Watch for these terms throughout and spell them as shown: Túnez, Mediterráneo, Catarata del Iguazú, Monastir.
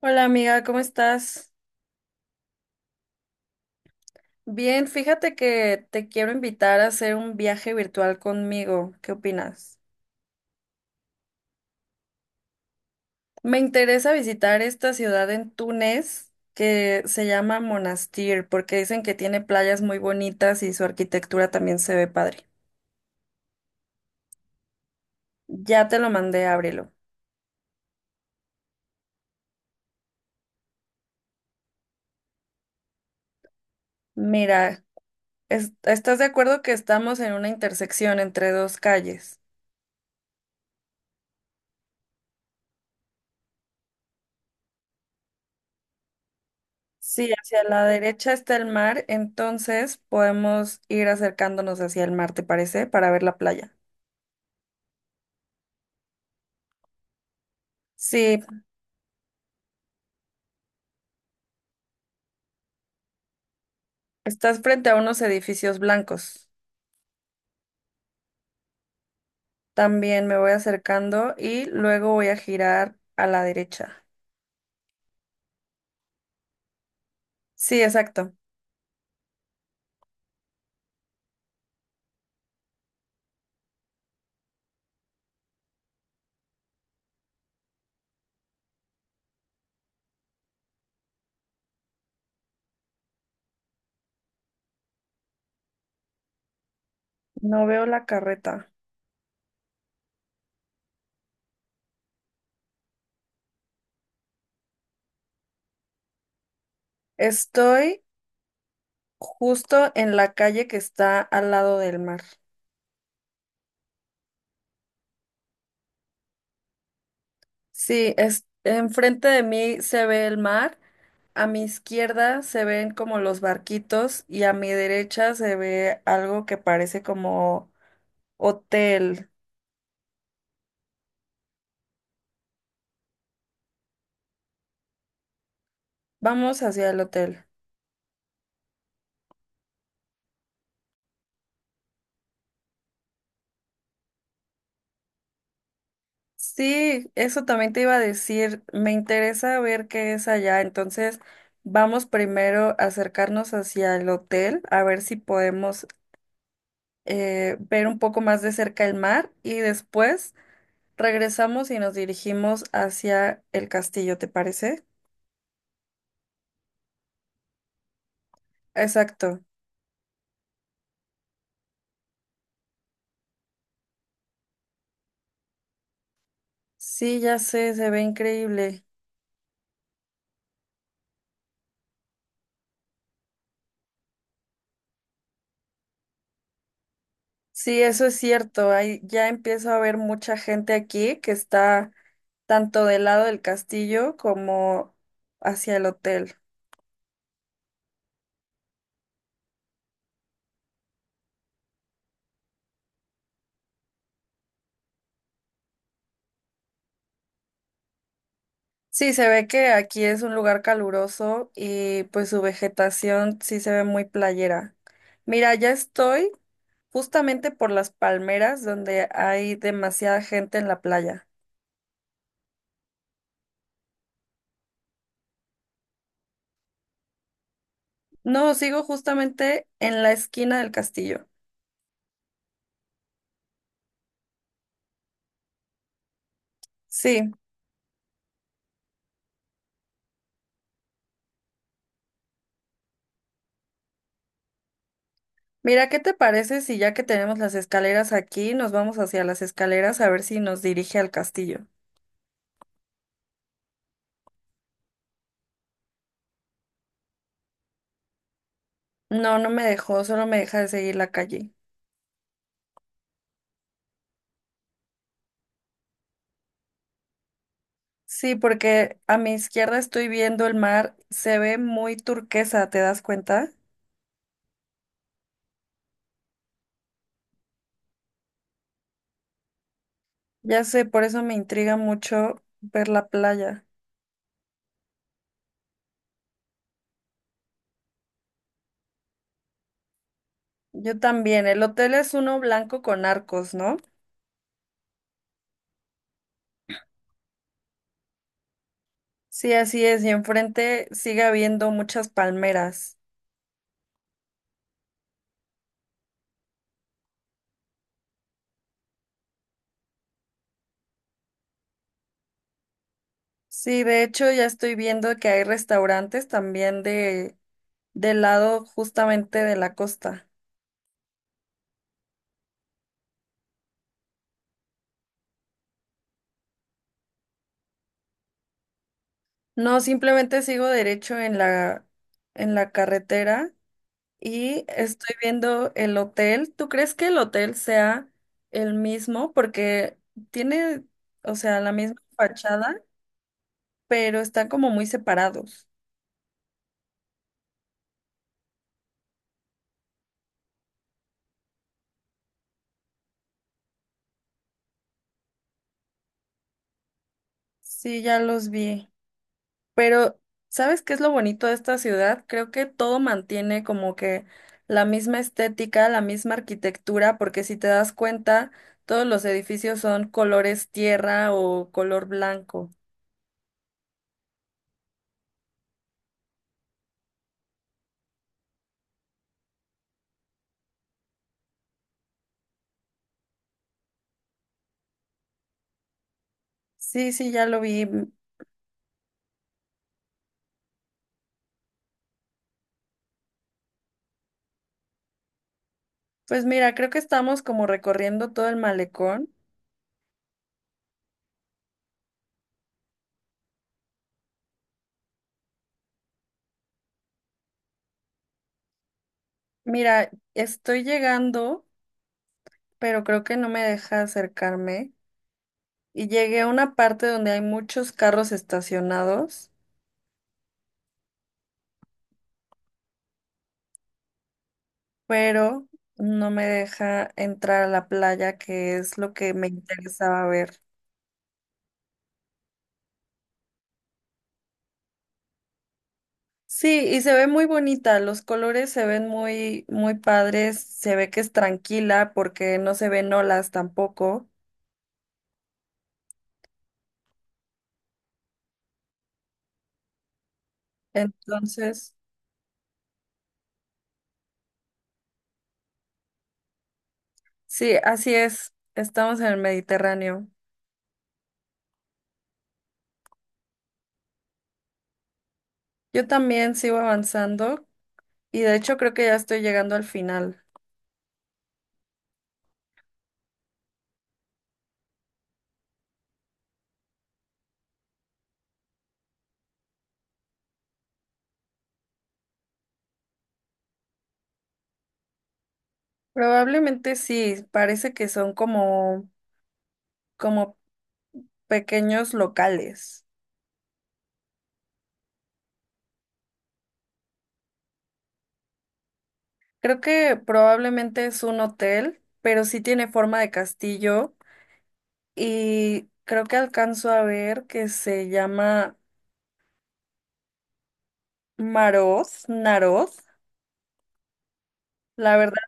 Hola amiga, ¿cómo estás? Bien, fíjate que te quiero invitar a hacer un viaje virtual conmigo. ¿Qué opinas? Me interesa visitar esta ciudad en Túnez que se llama Monastir porque dicen que tiene playas muy bonitas y su arquitectura también se ve padre. Ya te lo mandé, ábrelo. Mira, ¿estás de acuerdo que estamos en una intersección entre dos calles? Sí, hacia la derecha está el mar, entonces podemos ir acercándonos hacia el mar, ¿te parece? Para ver la playa. Sí, estás frente a unos edificios blancos. También me voy acercando y luego voy a girar a la derecha. Sí, exacto. No veo la carreta. Estoy justo en la calle que está al lado del mar. Sí, es, enfrente de mí se ve el mar, a mi izquierda se ven como los barquitos y a mi derecha se ve algo que parece como hotel. Vamos hacia el hotel. Sí, eso también te iba a decir, me interesa ver qué es allá, entonces vamos primero a acercarnos hacia el hotel, a ver si podemos ver un poco más de cerca el mar y después regresamos y nos dirigimos hacia el castillo, ¿te parece? Exacto. Sí, ya sé, se ve increíble. Sí, eso es cierto. Hay, ya empiezo a ver mucha gente aquí que está tanto del lado del castillo como hacia el hotel. Sí, se ve que aquí es un lugar caluroso y pues su vegetación sí se ve muy playera. Mira, ya estoy justamente por las palmeras donde hay demasiada gente en la playa. No, sigo justamente en la esquina del castillo. Sí, mira, ¿qué te parece si ya que tenemos las escaleras aquí, nos vamos hacia las escaleras a ver si nos dirige al castillo? No, no me dejó, solo me deja de seguir la calle. Sí, porque a mi izquierda estoy viendo el mar, se ve muy turquesa, ¿te das cuenta? Ya sé, por eso me intriga mucho ver la playa. Yo también, el hotel es uno blanco con arcos, ¿no? Sí, así es, y enfrente sigue habiendo muchas palmeras. Sí, de hecho ya estoy viendo que hay restaurantes también de del lado justamente de la costa. No, simplemente sigo derecho en la carretera y estoy viendo el hotel. ¿Tú crees que el hotel sea el mismo? Porque tiene, o sea, la misma fachada, pero están como muy separados. Sí, ya los vi. Pero, ¿sabes qué es lo bonito de esta ciudad? Creo que todo mantiene como que la misma estética, la misma arquitectura, porque si te das cuenta, todos los edificios son colores tierra o color blanco. Sí, ya lo vi. Pues mira, creo que estamos como recorriendo todo el malecón. Mira, estoy llegando, pero creo que no me deja acercarme. Y llegué a una parte donde hay muchos carros estacionados, pero no me deja entrar a la playa, que es lo que me interesaba ver. Sí, y se ve muy bonita, los colores se ven muy, muy padres, se ve que es tranquila porque no se ven olas tampoco. Entonces, sí, así es, estamos en el Mediterráneo. Yo también sigo avanzando y de hecho creo que ya estoy llegando al final. Probablemente sí, parece que son como pequeños locales. Creo que probablemente es un hotel, pero sí tiene forma de castillo y creo que alcanzo a ver que se llama Maroz, Naroz. La verdad,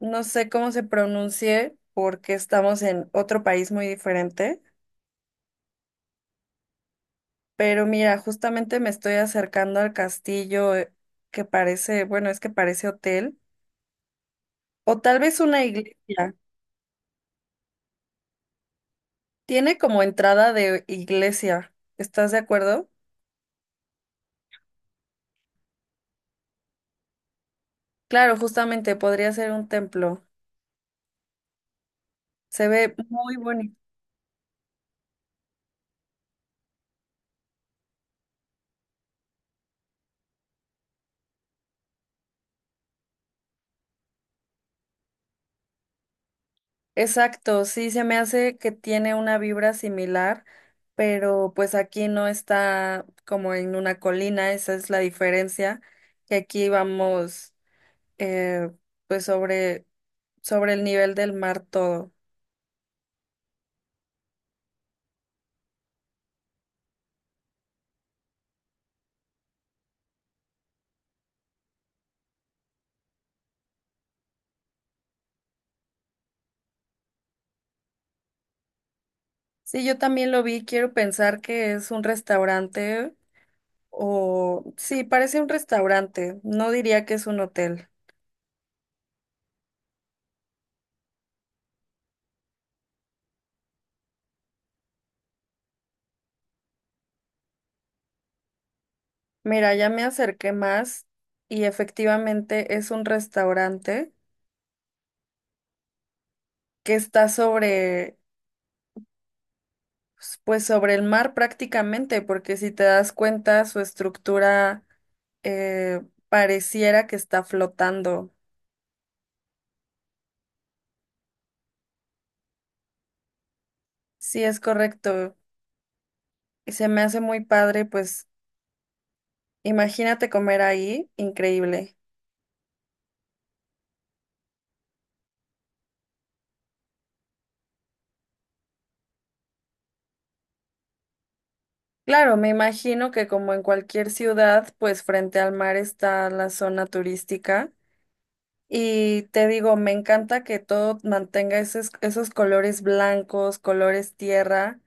no sé cómo se pronuncie porque estamos en otro país muy diferente, pero mira, justamente me estoy acercando al castillo que parece, bueno, es que parece hotel o tal vez una iglesia. Tiene como entrada de iglesia. ¿Estás de acuerdo? Claro, justamente podría ser un templo. Se ve muy bonito. Exacto, sí, se me hace que tiene una vibra similar, pero pues aquí no está como en una colina, esa es la diferencia, que aquí vamos eh, pues sobre el nivel del mar todo. Sí, yo también lo vi, quiero pensar que es un restaurante o sí, parece un restaurante, no diría que es un hotel. Mira, ya me acerqué más y efectivamente es un restaurante que está sobre, pues sobre el mar prácticamente, porque si te das cuenta, su estructura eh, pareciera que está flotando. Sí, es correcto. Y se me hace muy padre, pues imagínate comer ahí, increíble. Claro, me imagino que como en cualquier ciudad, pues frente al mar está la zona turística. Y te digo, me encanta que todo mantenga esos colores blancos, colores tierra.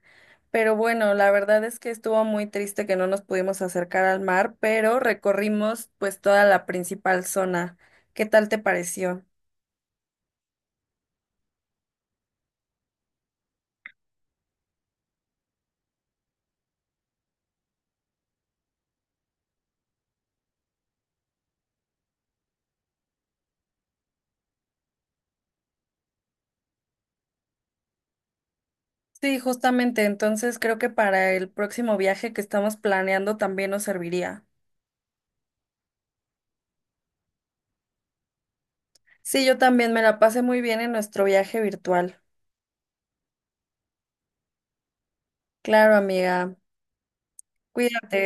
Pero bueno, la verdad es que estuvo muy triste que no nos pudimos acercar al mar, pero recorrimos pues toda la principal zona. ¿Qué tal te pareció? Sí, justamente, entonces creo que para el próximo viaje que estamos planeando también nos serviría. Sí, yo también me la pasé muy bien en nuestro viaje virtual. Claro, amiga. Cuídate.